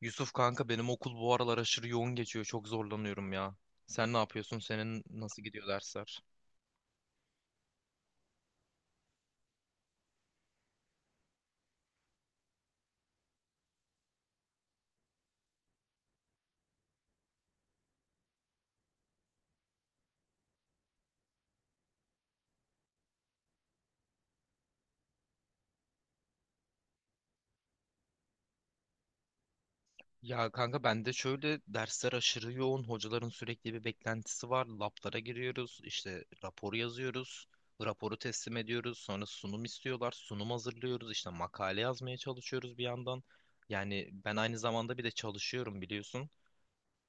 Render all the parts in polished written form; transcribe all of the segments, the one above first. Yusuf kanka benim okul bu aralar aşırı yoğun geçiyor. Çok zorlanıyorum ya. Sen ne yapıyorsun? Senin nasıl gidiyor dersler? Ya kanka ben de şöyle dersler aşırı yoğun. Hocaların sürekli bir beklentisi var. Lablara giriyoruz. İşte raporu yazıyoruz. Raporu teslim ediyoruz. Sonra sunum istiyorlar. Sunum hazırlıyoruz. İşte makale yazmaya çalışıyoruz bir yandan. Yani ben aynı zamanda bir de çalışıyorum biliyorsun.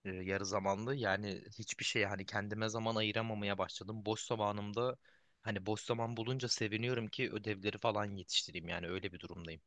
Yarı zamanlı. Yani hiçbir şey hani kendime zaman ayıramamaya başladım. Boş zamanımda hani boş zaman bulunca seviniyorum ki ödevleri falan yetiştireyim. Yani öyle bir durumdayım.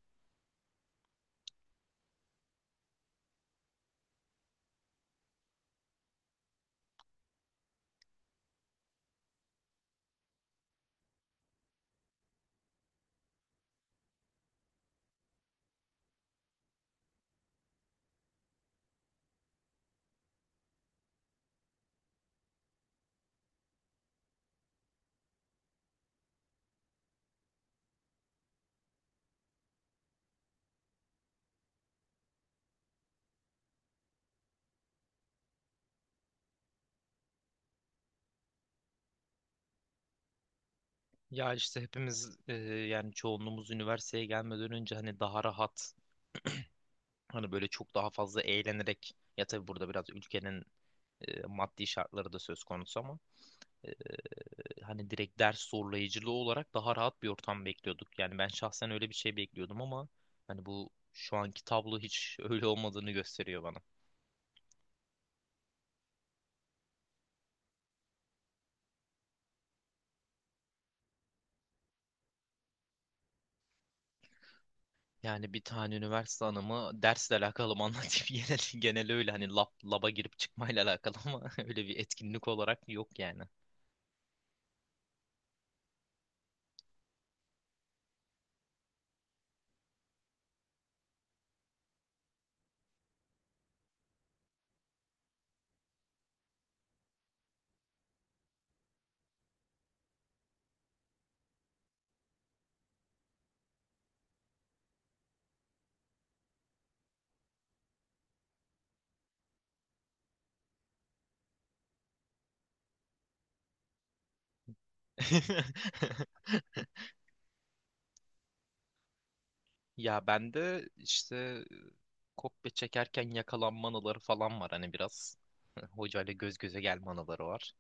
Ya işte hepimiz yani çoğunluğumuz üniversiteye gelmeden önce hani daha rahat hani böyle çok daha fazla eğlenerek ya tabii burada biraz ülkenin maddi şartları da söz konusu ama e, hani direkt ders zorlayıcılığı olarak daha rahat bir ortam bekliyorduk. Yani ben şahsen öyle bir şey bekliyordum ama hani bu şu anki tablo hiç öyle olmadığını gösteriyor bana. Yani bir tane üniversite anımı dersle alakalı mı anlatayım genel öyle hani laba girip çıkmayla alakalı ama öyle bir etkinlik olarak yok yani. Ya ben de işte kopya çekerken yakalanma anıları falan var hani biraz. Hocayla göz göze gelme anıları var.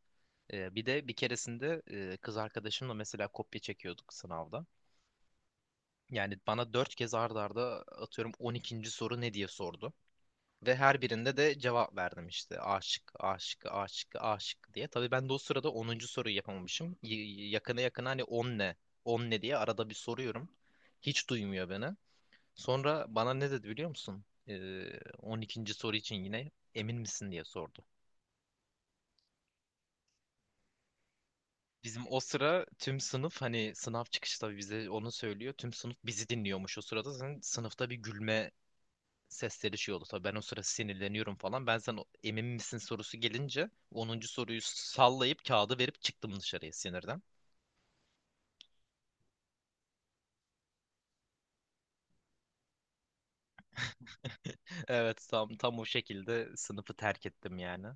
Bir de bir keresinde kız arkadaşımla mesela kopya çekiyorduk sınavda. Yani bana dört kez ard arda atıyorum on ikinci soru ne diye sordu. Ve her birinde de cevap verdim işte aşık, aşık, aşık, aşık diye. Tabii ben de o sırada onuncu soruyu yapamamışım. Yakına yakına hani 10 ne, 10 ne diye arada bir soruyorum. Hiç duymuyor beni. Sonra bana ne dedi biliyor musun? On ikinci soru için yine emin misin diye sordu. Bizim o sıra tüm sınıf hani sınav çıkışı tabii bize onu söylüyor. Tüm sınıf bizi dinliyormuş o sırada. Zaten sınıfta bir gülme sesleri şey oldu. Tabii ben o sıra sinirleniyorum falan. Ben emin misin sorusu gelince onuncu soruyu sallayıp kağıdı verip çıktım dışarıya sinirden. Evet tam o şekilde sınıfı terk ettim yani.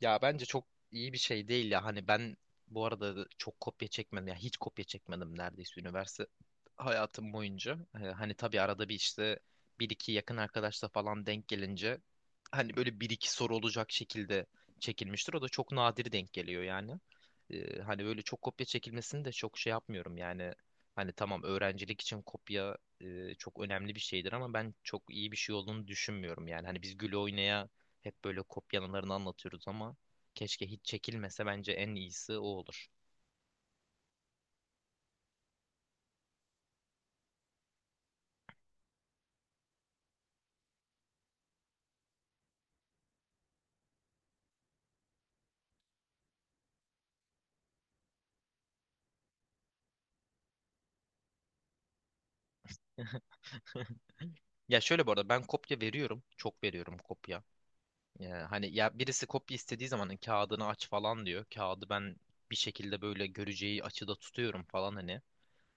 Ya bence çok iyi bir şey değil ya. Hani ben bu arada çok kopya çekmedim. Ya hiç kopya çekmedim neredeyse üniversite hayatım boyunca. Hani tabii arada bir işte bir iki yakın arkadaşla falan denk gelince hani böyle bir iki soru olacak şekilde çekilmiştir. O da çok nadir denk geliyor yani. Hani böyle çok kopya çekilmesini de çok şey yapmıyorum yani. Hani tamam öğrencilik için kopya çok önemli bir şeydir ama ben çok iyi bir şey olduğunu düşünmüyorum yani. Hani biz gül oynaya hep böyle kopyalarını anlatıyoruz ama keşke hiç çekilmese bence en iyisi o olur. Ya şöyle bu arada ben kopya veriyorum. Çok veriyorum kopya. Hani ya birisi kopya istediği zaman kağıdını aç falan diyor. Kağıdı ben bir şekilde böyle göreceği açıda tutuyorum falan hani.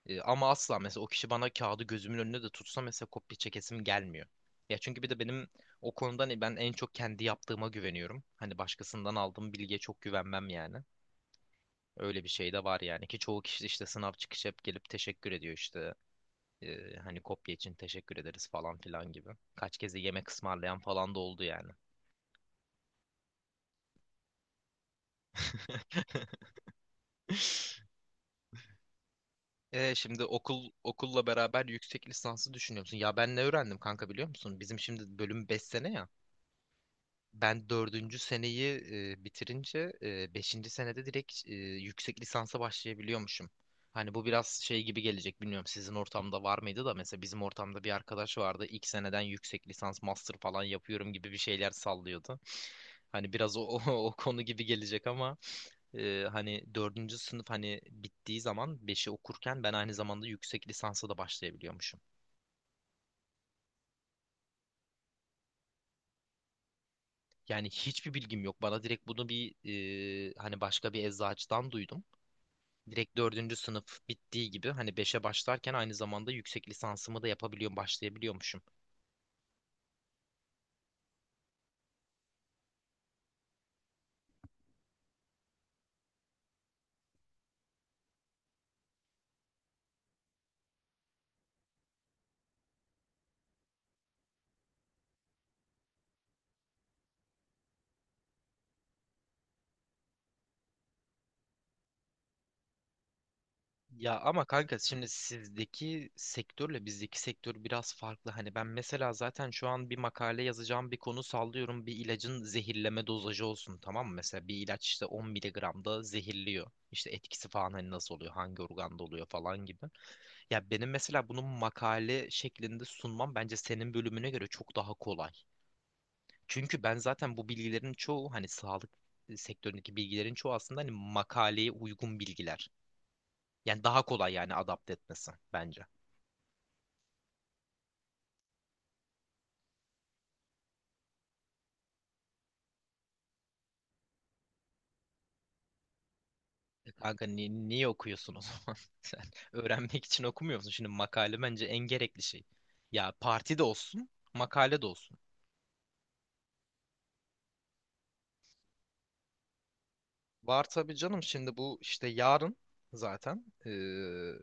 Ama asla mesela o kişi bana kağıdı gözümün önüne de tutsa mesela kopya çekesim gelmiyor. Ya çünkü bir de benim o konuda hani ben en çok kendi yaptığıma güveniyorum. Hani başkasından aldığım bilgiye çok güvenmem yani. Öyle bir şey de var yani ki çoğu kişi işte sınav çıkışı hep gelip teşekkür ediyor işte. Hani kopya için teşekkür ederiz falan filan gibi. Kaç kez de yemek ısmarlayan falan da oldu yani. Şimdi okulla beraber yüksek lisansı düşünüyor musun? Ya ben ne öğrendim kanka biliyor musun? Bizim şimdi bölüm 5 sene ya. Ben dördüncü seneyi bitirince beşinci senede direkt yüksek lisansa başlayabiliyormuşum. Hani bu biraz şey gibi gelecek bilmiyorum sizin ortamda var mıydı da mesela bizim ortamda bir arkadaş vardı ilk seneden yüksek lisans master falan yapıyorum gibi bir şeyler sallıyordu. Hani biraz o konu gibi gelecek ama hani dördüncü sınıf hani bittiği zaman beşi okurken ben aynı zamanda yüksek lisansa da başlayabiliyormuşum. Yani hiçbir bilgim yok. Bana direkt bunu bir hani başka bir eczacıdan duydum. Direkt dördüncü sınıf bittiği gibi hani beşe başlarken aynı zamanda yüksek lisansımı da yapabiliyorum, başlayabiliyormuşum. Ya ama kanka şimdi sizdeki sektörle bizdeki sektör biraz farklı. Hani ben mesela zaten şu an bir makale yazacağım bir konu sallıyorum. Bir ilacın zehirleme dozajı olsun tamam mı? Mesela bir ilaç işte 10 miligramda zehirliyor. İşte etkisi falan hani nasıl oluyor, hangi organda oluyor falan gibi. Ya benim mesela bunun makale şeklinde sunmam bence senin bölümüne göre çok daha kolay. Çünkü ben zaten bu bilgilerin çoğu hani sağlık sektöründeki bilgilerin çoğu aslında hani makaleye uygun bilgiler. Yani daha kolay yani adapte etmesi bence. E kanka niye okuyorsun o zaman? Sen öğrenmek için okumuyor musun? Şimdi makale bence en gerekli şey. Ya parti de olsun, makale de olsun. Var tabii canım şimdi bu işte yarın zaten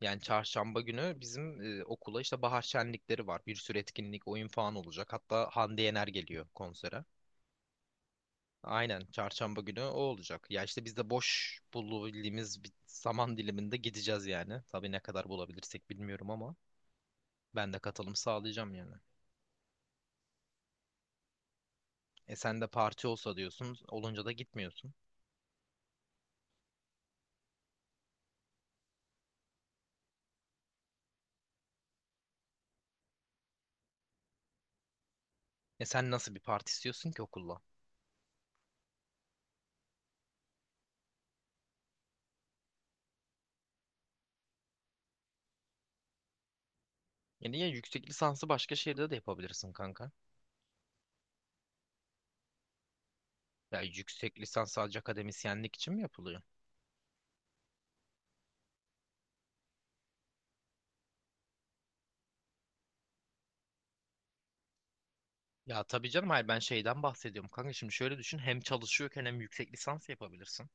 yani çarşamba günü bizim okula işte bahar şenlikleri var. Bir sürü etkinlik, oyun falan olacak. Hatta Hande Yener geliyor konsere. Aynen çarşamba günü o olacak. Ya işte biz de boş bulabildiğimiz bir zaman diliminde gideceğiz yani. Tabii ne kadar bulabilirsek bilmiyorum ama ben de katılım sağlayacağım yani. E sen de parti olsa diyorsun, olunca da gitmiyorsun. E sen nasıl bir parti istiyorsun ki okulla? Yani ya yüksek lisansı başka şehirde de yapabilirsin kanka. Ya yüksek lisans sadece akademisyenlik için mi yapılıyor? Ya tabii canım hayır ben şeyden bahsediyorum kanka. Şimdi şöyle düşün hem çalışıyorken hem yüksek lisans yapabilirsin.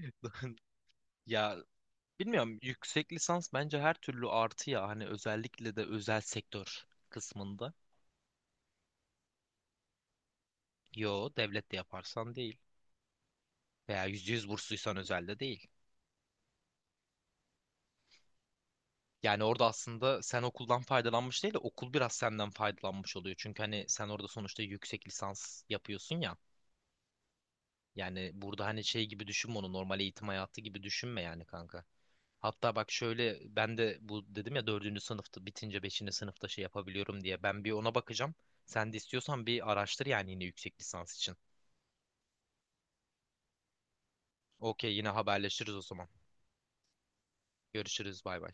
Ya bilmiyorum yüksek lisans bence her türlü artı ya hani özellikle de özel sektör kısmında. Yo devlet de yaparsan değil veya %100 bursluysan özelde değil. Yani orada aslında sen okuldan faydalanmış değil de okul biraz senden faydalanmış oluyor. Çünkü hani sen orada sonuçta yüksek lisans yapıyorsun ya. Yani burada hani şey gibi düşünme onu normal eğitim hayatı gibi düşünme yani kanka. Hatta bak şöyle ben de bu dedim ya dördüncü sınıfta bitince beşinci sınıfta şey yapabiliyorum diye. Ben bir ona bakacağım. Sen de istiyorsan bir araştır yani yine yüksek lisans için. Okey yine haberleşiriz o zaman. Görüşürüz bay bay.